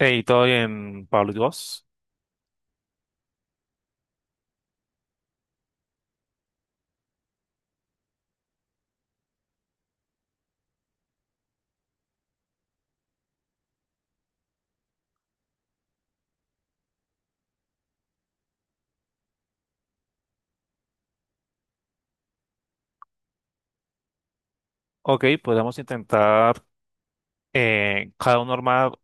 Hey, todo bien, Pablo, ¿y vos? Ok, podemos intentar cada uno armar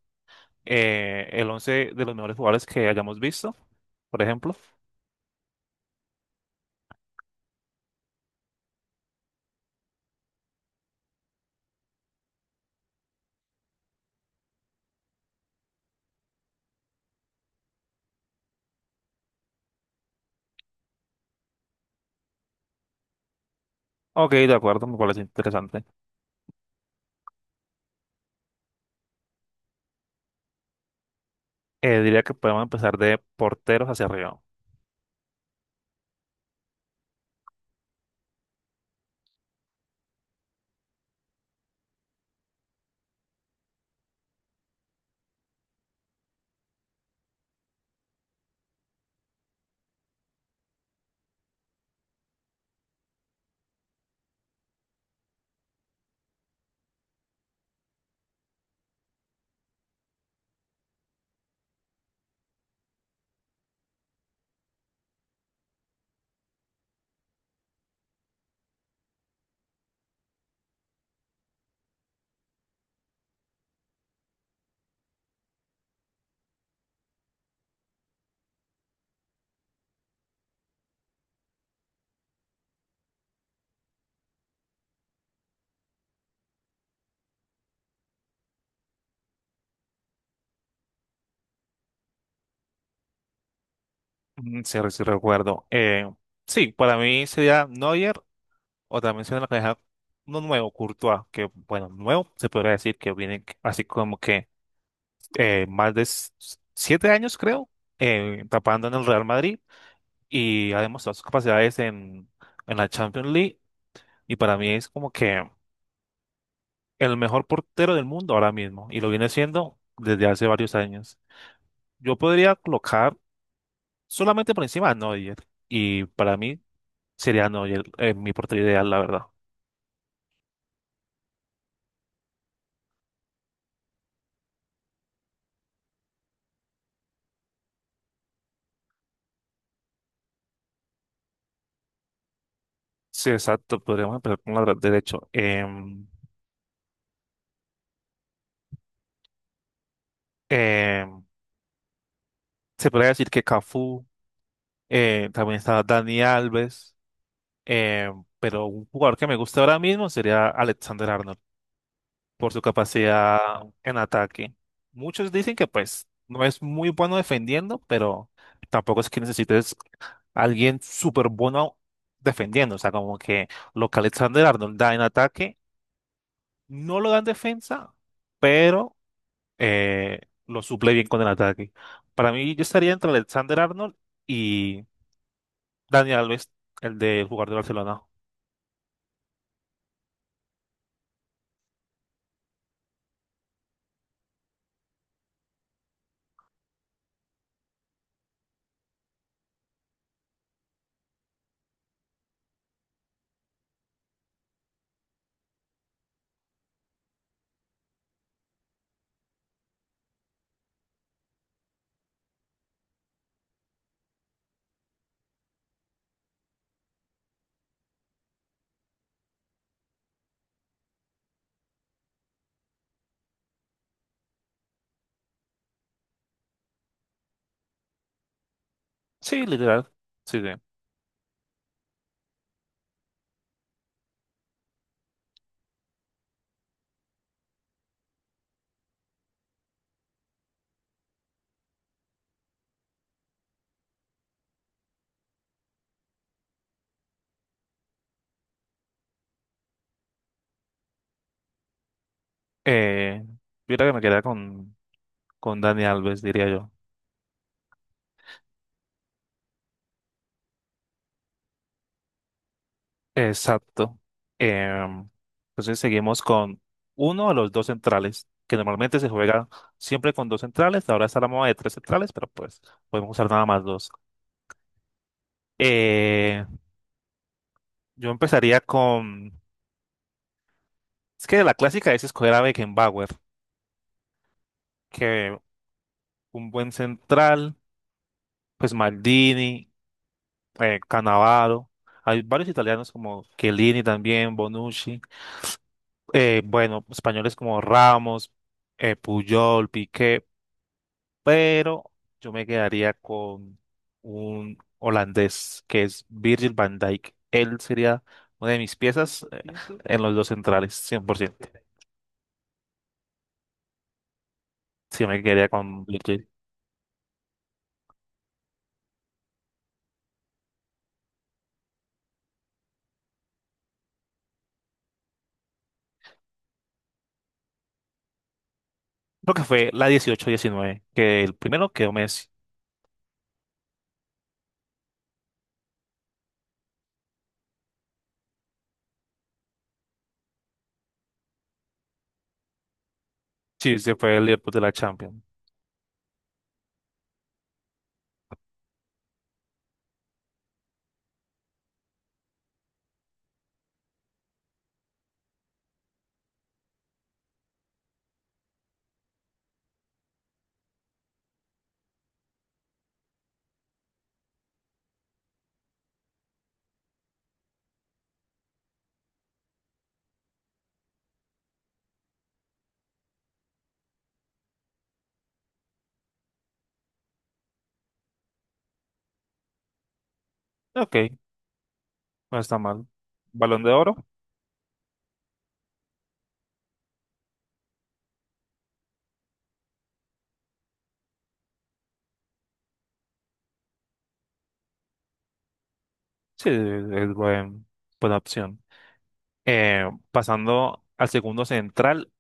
el 11 de los mejores jugadores que hayamos visto, por ejemplo. Ok, de acuerdo, me parece interesante. Diría que podemos empezar de porteros hacia arriba. Mm, sí, sí recuerdo. Sí, para mí sería Neuer o también sería la cabeza uno nuevo, Courtois, que bueno, nuevo se podría decir que viene así como que más de siete años creo, tapando en el Real Madrid y ha demostrado sus capacidades en la Champions League, y para mí es como que el mejor portero del mundo ahora mismo y lo viene siendo desde hace varios años. Yo podría colocar solamente por encima a Neuer, y para mí sería no, y mi portero ideal, la verdad. Sí, exacto, podríamos empezar con la derecho. Em, Se podría decir que Cafú, también está Dani Alves, pero un jugador que me gusta ahora mismo sería Alexander Arnold, por su capacidad en ataque. Muchos dicen que pues no es muy bueno defendiendo, pero tampoco es que necesites a alguien súper bueno defendiendo, o sea, como que lo que Alexander Arnold da en ataque no lo dan defensa, pero eh, lo suple bien con el ataque. Para mí, yo estaría entre Alexander Arnold y Daniel Alves, el del jugador de Barcelona. Sí, literal. Sí, sí. Eh, yo creo que me quedaría con Dani Alves, diría yo. Exacto. Em, entonces seguimos con uno de los dos centrales, que normalmente se juega siempre con dos centrales. Ahora está la moda de tres centrales, pero pues podemos usar nada más dos. Eh, yo empezaría con, es que la clásica es escoger a Beckenbauer, que un buen central, pues Maldini, Cannavaro. Hay varios italianos como Chiellini también, Bonucci. Bueno, españoles como Ramos, Puyol, Piqué. Pero yo me quedaría con un holandés, que es Virgil van Dijk. Él sería una de mis piezas en los dos centrales, 100%. Sí, me quedaría con Virgil. Creo que fue la 18-19 que el primero quedó Messi. Sí, se fue el Liverpool de la Champions. Ok, no está mal. Balón de oro, sí, es buena opción. Eh, Pasando al segundo central,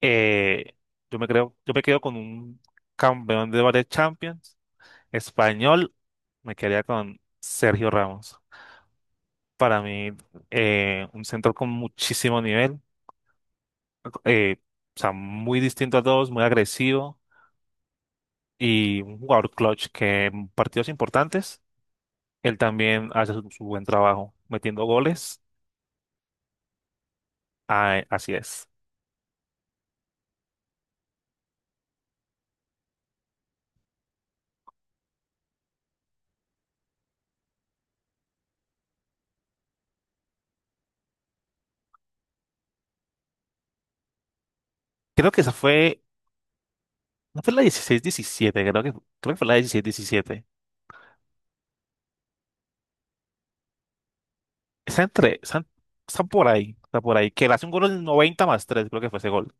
eh, yo me creo, yo me quedo con un campeón de varias Champions. Español, me quedaría con Sergio Ramos. Para mí, un central con muchísimo nivel, eh, o sea, muy distinto a todos, muy agresivo y un jugador clutch que en partidos importantes, él también hace su buen trabajo metiendo goles. Ah, así es. Creo que esa fue, no fue la 16-17 creo que fue la 16 17. Está están por ahí, está por ahí. Que le hace un gol en 90+3 creo que fue ese gol.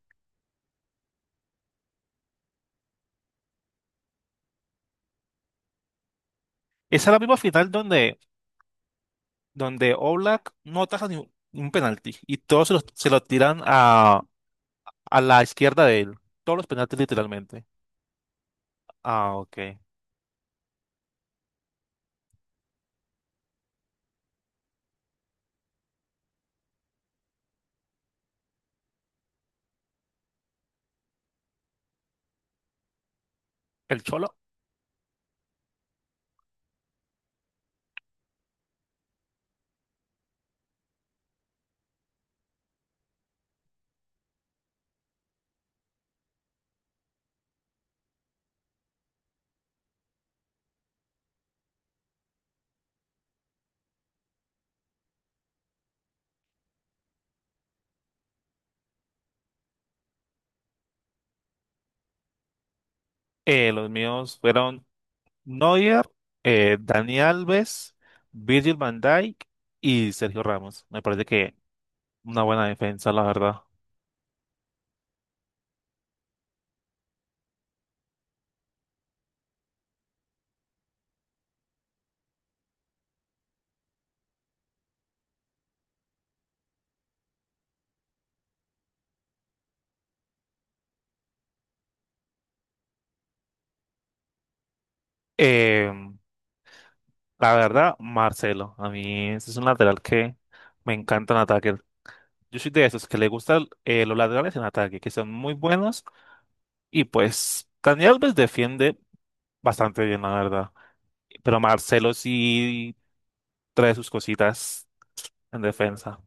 Esa es la misma final donde Oblak no ataja ni un penalti y todos se lo tiran a la izquierda de él. Todos los penaltis literalmente. Ah, ok. El Cholo. Los míos fueron Neuer, Dani Alves, Virgil van Dijk y Sergio Ramos. Me parece que una buena defensa, la verdad. Eh, la verdad, Marcelo. A mí ese es un lateral que me encanta en ataque. Yo soy de esos que le gustan los laterales en ataque, que son muy buenos. Y pues Dani Alves defiende bastante bien, la verdad. Pero Marcelo sí trae sus cositas en defensa.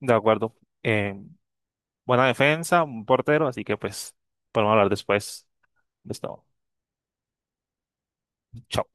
De acuerdo. Em, buena defensa, un portero, así que pues podemos hablar después de esto. Chao.